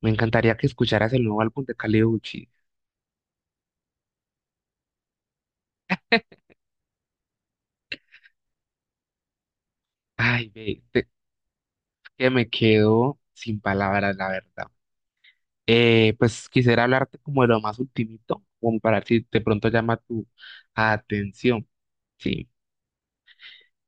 Me encantaría que escucharas el nuevo álbum de Kali Uchi. Ay, ve, que me quedo sin palabras, la verdad. Pues quisiera hablarte como de lo más ultimito, como para ver si de pronto llama tu atención. Sí,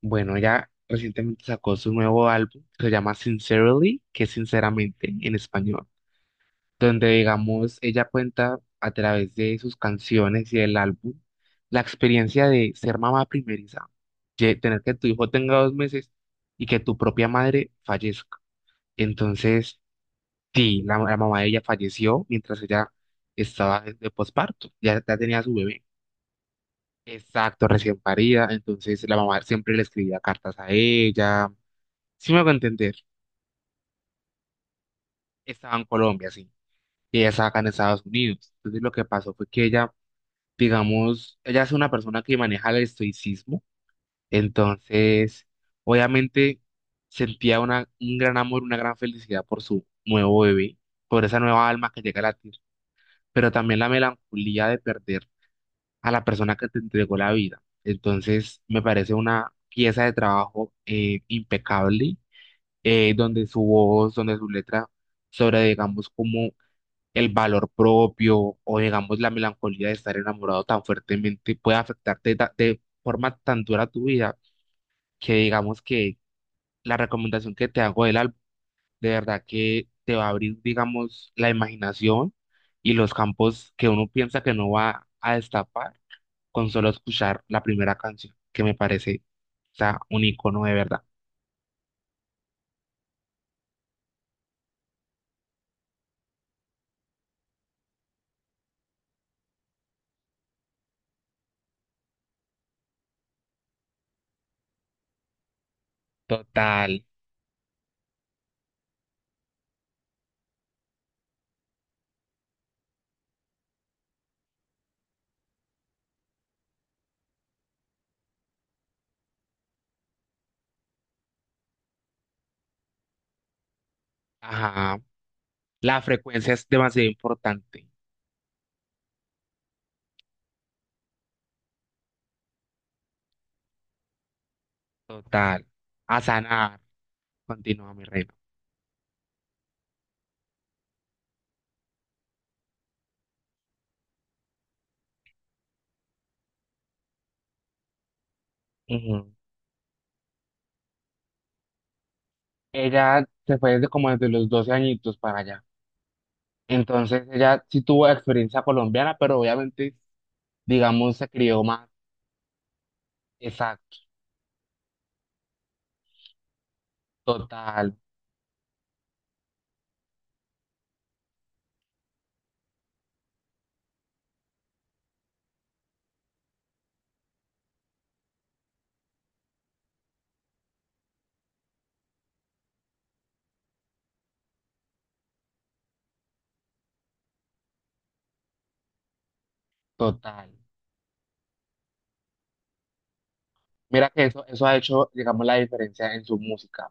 bueno, ella recientemente sacó su nuevo álbum, que se llama Sincerely, que es sinceramente en español. Donde, digamos, ella cuenta a través de sus canciones y del álbum la experiencia de ser mamá primeriza, de tener que tu hijo tenga 2 meses y que tu propia madre fallezca. Entonces, sí, la mamá de ella falleció mientras ella estaba de posparto, ya, ya tenía su bebé. Exacto, recién parida, entonces la mamá siempre le escribía cartas a ella. Sí me a entender, estaba en Colombia, sí, y ella estaba acá en Estados Unidos. Entonces lo que pasó fue que ella, digamos, ella es una persona que maneja el estoicismo, entonces, obviamente, sentía una, un gran amor, una gran felicidad por su nuevo bebé, por esa nueva alma que llega a latir, pero también la melancolía de perder a la persona que te entregó la vida. Entonces, me parece una pieza de trabajo impecable, donde su voz, donde su letra, sobre, digamos, cómo el valor propio o digamos la melancolía de estar enamorado tan fuertemente puede afectarte de forma tan dura tu vida, que digamos que la recomendación que te hago del álbum de verdad que te va a abrir digamos la imaginación y los campos que uno piensa que no va a destapar con solo escuchar la primera canción, que me parece, o sea, un icono de verdad. Total. Ajá. La frecuencia es demasiado importante. Total. A sanar. Continúa mi rey. Ujú. Ella se fue desde como desde los 12 añitos para allá. Entonces ella sí tuvo experiencia colombiana, pero obviamente, digamos, se crió más. Exacto, total, total. Mira que eso ha hecho, digamos, la diferencia en su música.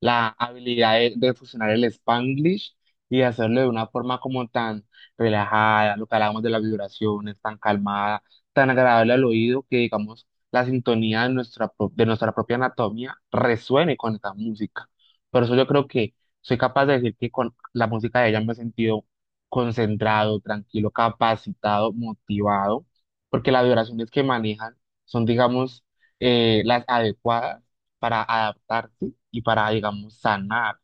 La habilidad de fusionar el Spanglish y hacerlo de una forma como tan relajada, lo que hablábamos de las vibraciones, tan calmada, tan agradable al oído, que digamos, la sintonía de nuestra, de nuestra propia anatomía resuene con esta música. Por eso yo creo que soy capaz de decir que con la música de ella me he sentido concentrado, tranquilo, capacitado, motivado, porque las vibraciones que manejan son, digamos, las adecuadas para adaptarse y para, digamos, sanar,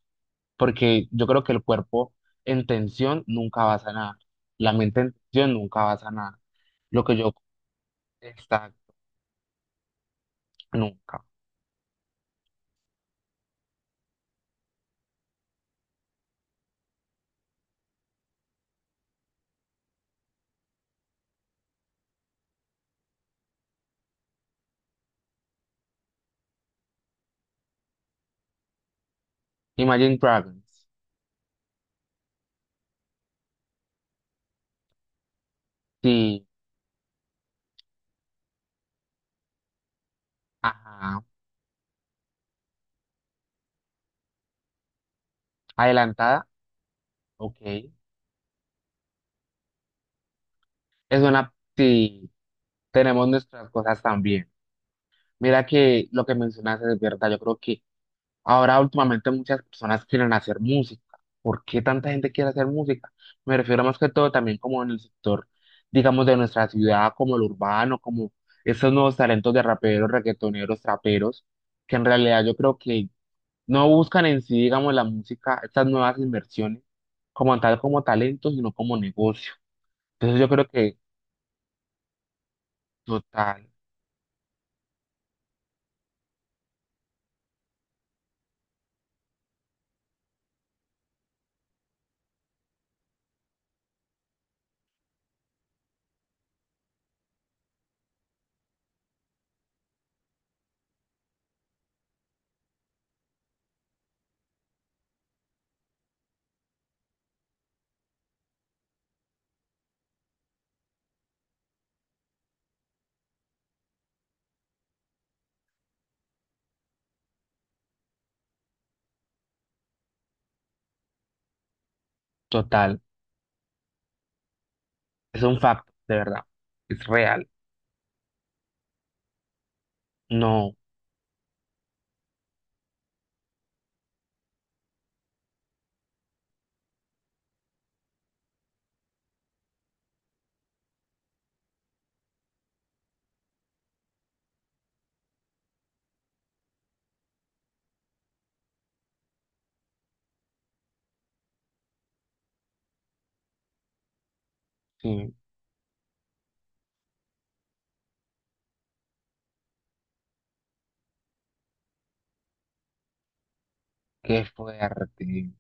porque yo creo que el cuerpo en tensión nunca va a sanar, la mente en tensión nunca va a sanar, lo que yo está nunca. Imagine Dragons, sí, ajá, adelantada, ok, es una, sí, tenemos nuestras cosas también. Mira que lo que mencionaste es verdad, yo creo que ahora últimamente muchas personas quieren hacer música. ¿Por qué tanta gente quiere hacer música? Me refiero más que todo también como en el sector, digamos, de nuestra ciudad, como el urbano, como esos nuevos talentos de raperos, reggaetoneros, traperos, que en realidad yo creo que no buscan en sí, digamos, la música, estas nuevas inversiones, como tal, como talento, sino como negocio. Entonces yo creo que total, total, es un facto, de verdad, es real. No, sí, qué fuerte.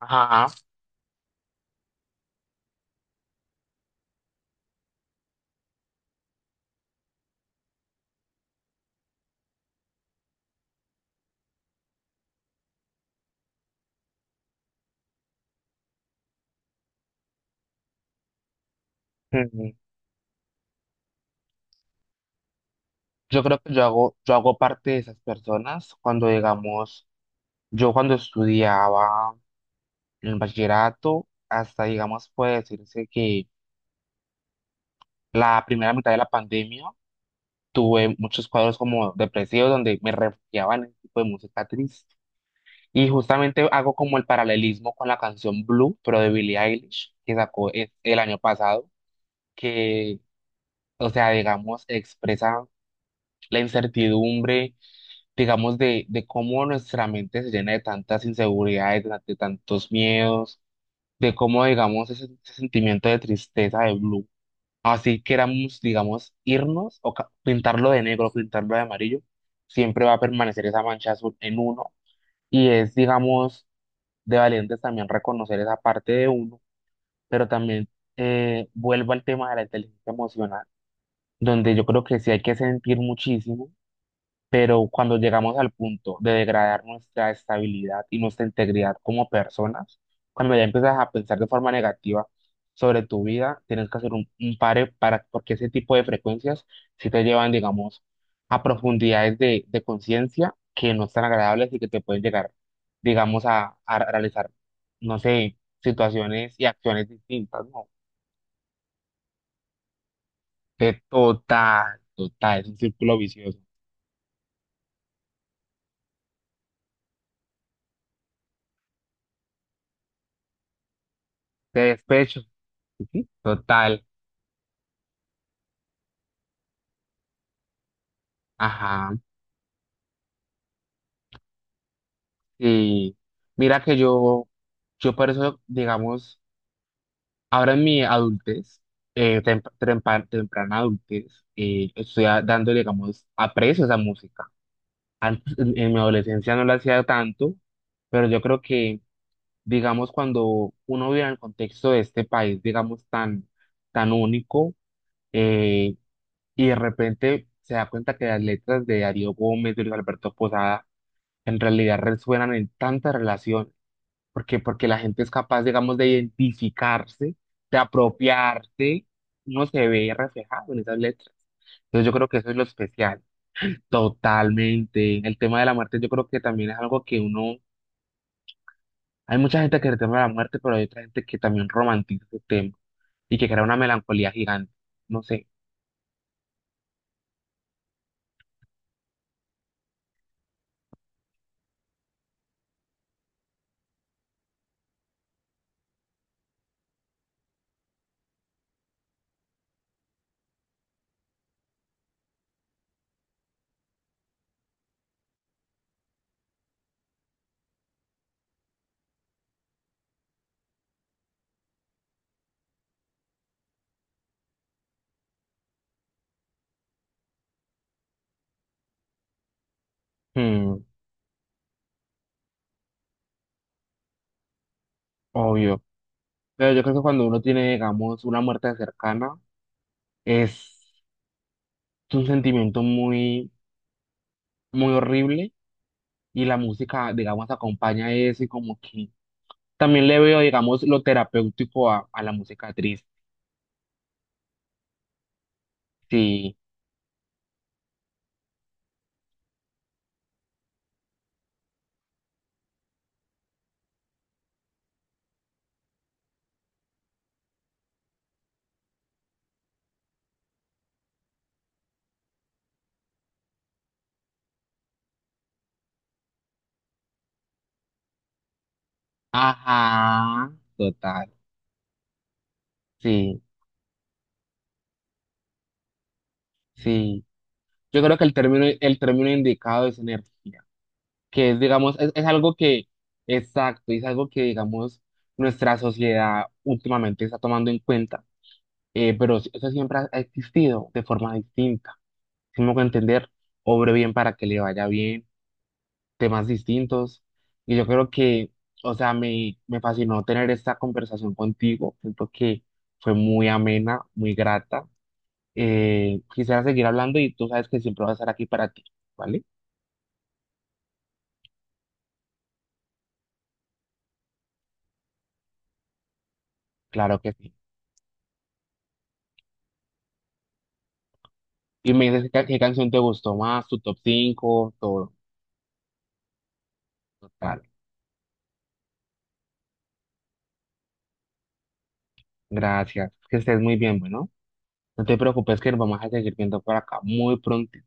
Ajá. Mm, yo creo que yo hago parte de esas personas cuando, digamos, yo cuando estudiaba el bachillerato, hasta, digamos, puede decirse que la primera mitad de la pandemia tuve muchos cuadros como depresivos donde me refugiaba en ese tipo de música triste. Y justamente hago como el paralelismo con la canción Blue, pero de Billie Eilish, que sacó el año pasado, que, o sea, digamos, expresa la incertidumbre, digamos, de cómo nuestra mente se llena de tantas inseguridades, de, de tantos miedos, de cómo, digamos, ese sentimiento de tristeza de Blue. Así queramos, digamos, irnos o pintarlo de negro, pintarlo de amarillo, siempre va a permanecer esa mancha azul en uno. Y es, digamos, de valientes también reconocer esa parte de uno, pero también vuelvo al tema de la inteligencia emocional, donde yo creo que sí hay que sentir muchísimo, pero cuando llegamos al punto de degradar nuestra estabilidad y nuestra integridad como personas, cuando ya empiezas a pensar de forma negativa sobre tu vida, tienes que hacer un pare para, porque ese tipo de frecuencias sí te llevan, digamos, a profundidades de conciencia que no están agradables y que te pueden llegar, digamos, a realizar, no sé, situaciones y acciones distintas, ¿no? Que total, total, es un círculo vicioso. De despecho, sí, total, ajá. Y mira que yo por eso, digamos, ahora en mi adultez, temprana adultez, estoy dándole, digamos, aprecio a esa música. Antes, en mi adolescencia no la hacía tanto, pero yo creo que, digamos, cuando uno vive en el contexto de este país, digamos, tan, tan único, eh, y de repente se da cuenta que las letras de Darío Gómez, de Luis Alberto Posada, en realidad resuenan en tantas relaciones porque la gente es capaz, digamos, de identificarse, de apropiarse, uno se ve reflejado en esas letras. Entonces yo creo que eso es lo especial. Totalmente. El tema de la muerte yo creo que también es algo que uno, hay mucha gente que le teme a la muerte, pero hay otra gente que también romantiza ese tema y que crea una melancolía gigante. No sé. Hmm, obvio. Pero yo creo que cuando uno tiene, digamos, una muerte cercana, es un sentimiento muy, muy horrible, y la música, digamos, acompaña eso, y como que también le veo, digamos, lo terapéutico a la música triste. Sí, ajá, total, sí, sí. Yo creo que el término indicado es energía, que es, digamos, es algo que, exacto, es algo que, digamos, nuestra sociedad últimamente está tomando en cuenta, pero eso siempre ha existido de forma distinta. Si me hago entender, obre bien para que le vaya bien temas distintos. Y yo creo que, o sea, me fascinó tener esta conversación contigo. Siento que fue muy amena, muy grata. Quisiera seguir hablando y tú sabes que siempre voy a estar aquí para ti, ¿vale? Claro que sí. Y me dices qué, qué canción te gustó más, tu top 5 todo. Total. Gracias. Que estés muy bien, bueno. No te preocupes que nos vamos a seguir viendo por acá muy pronto.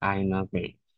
Ay, nos vemos.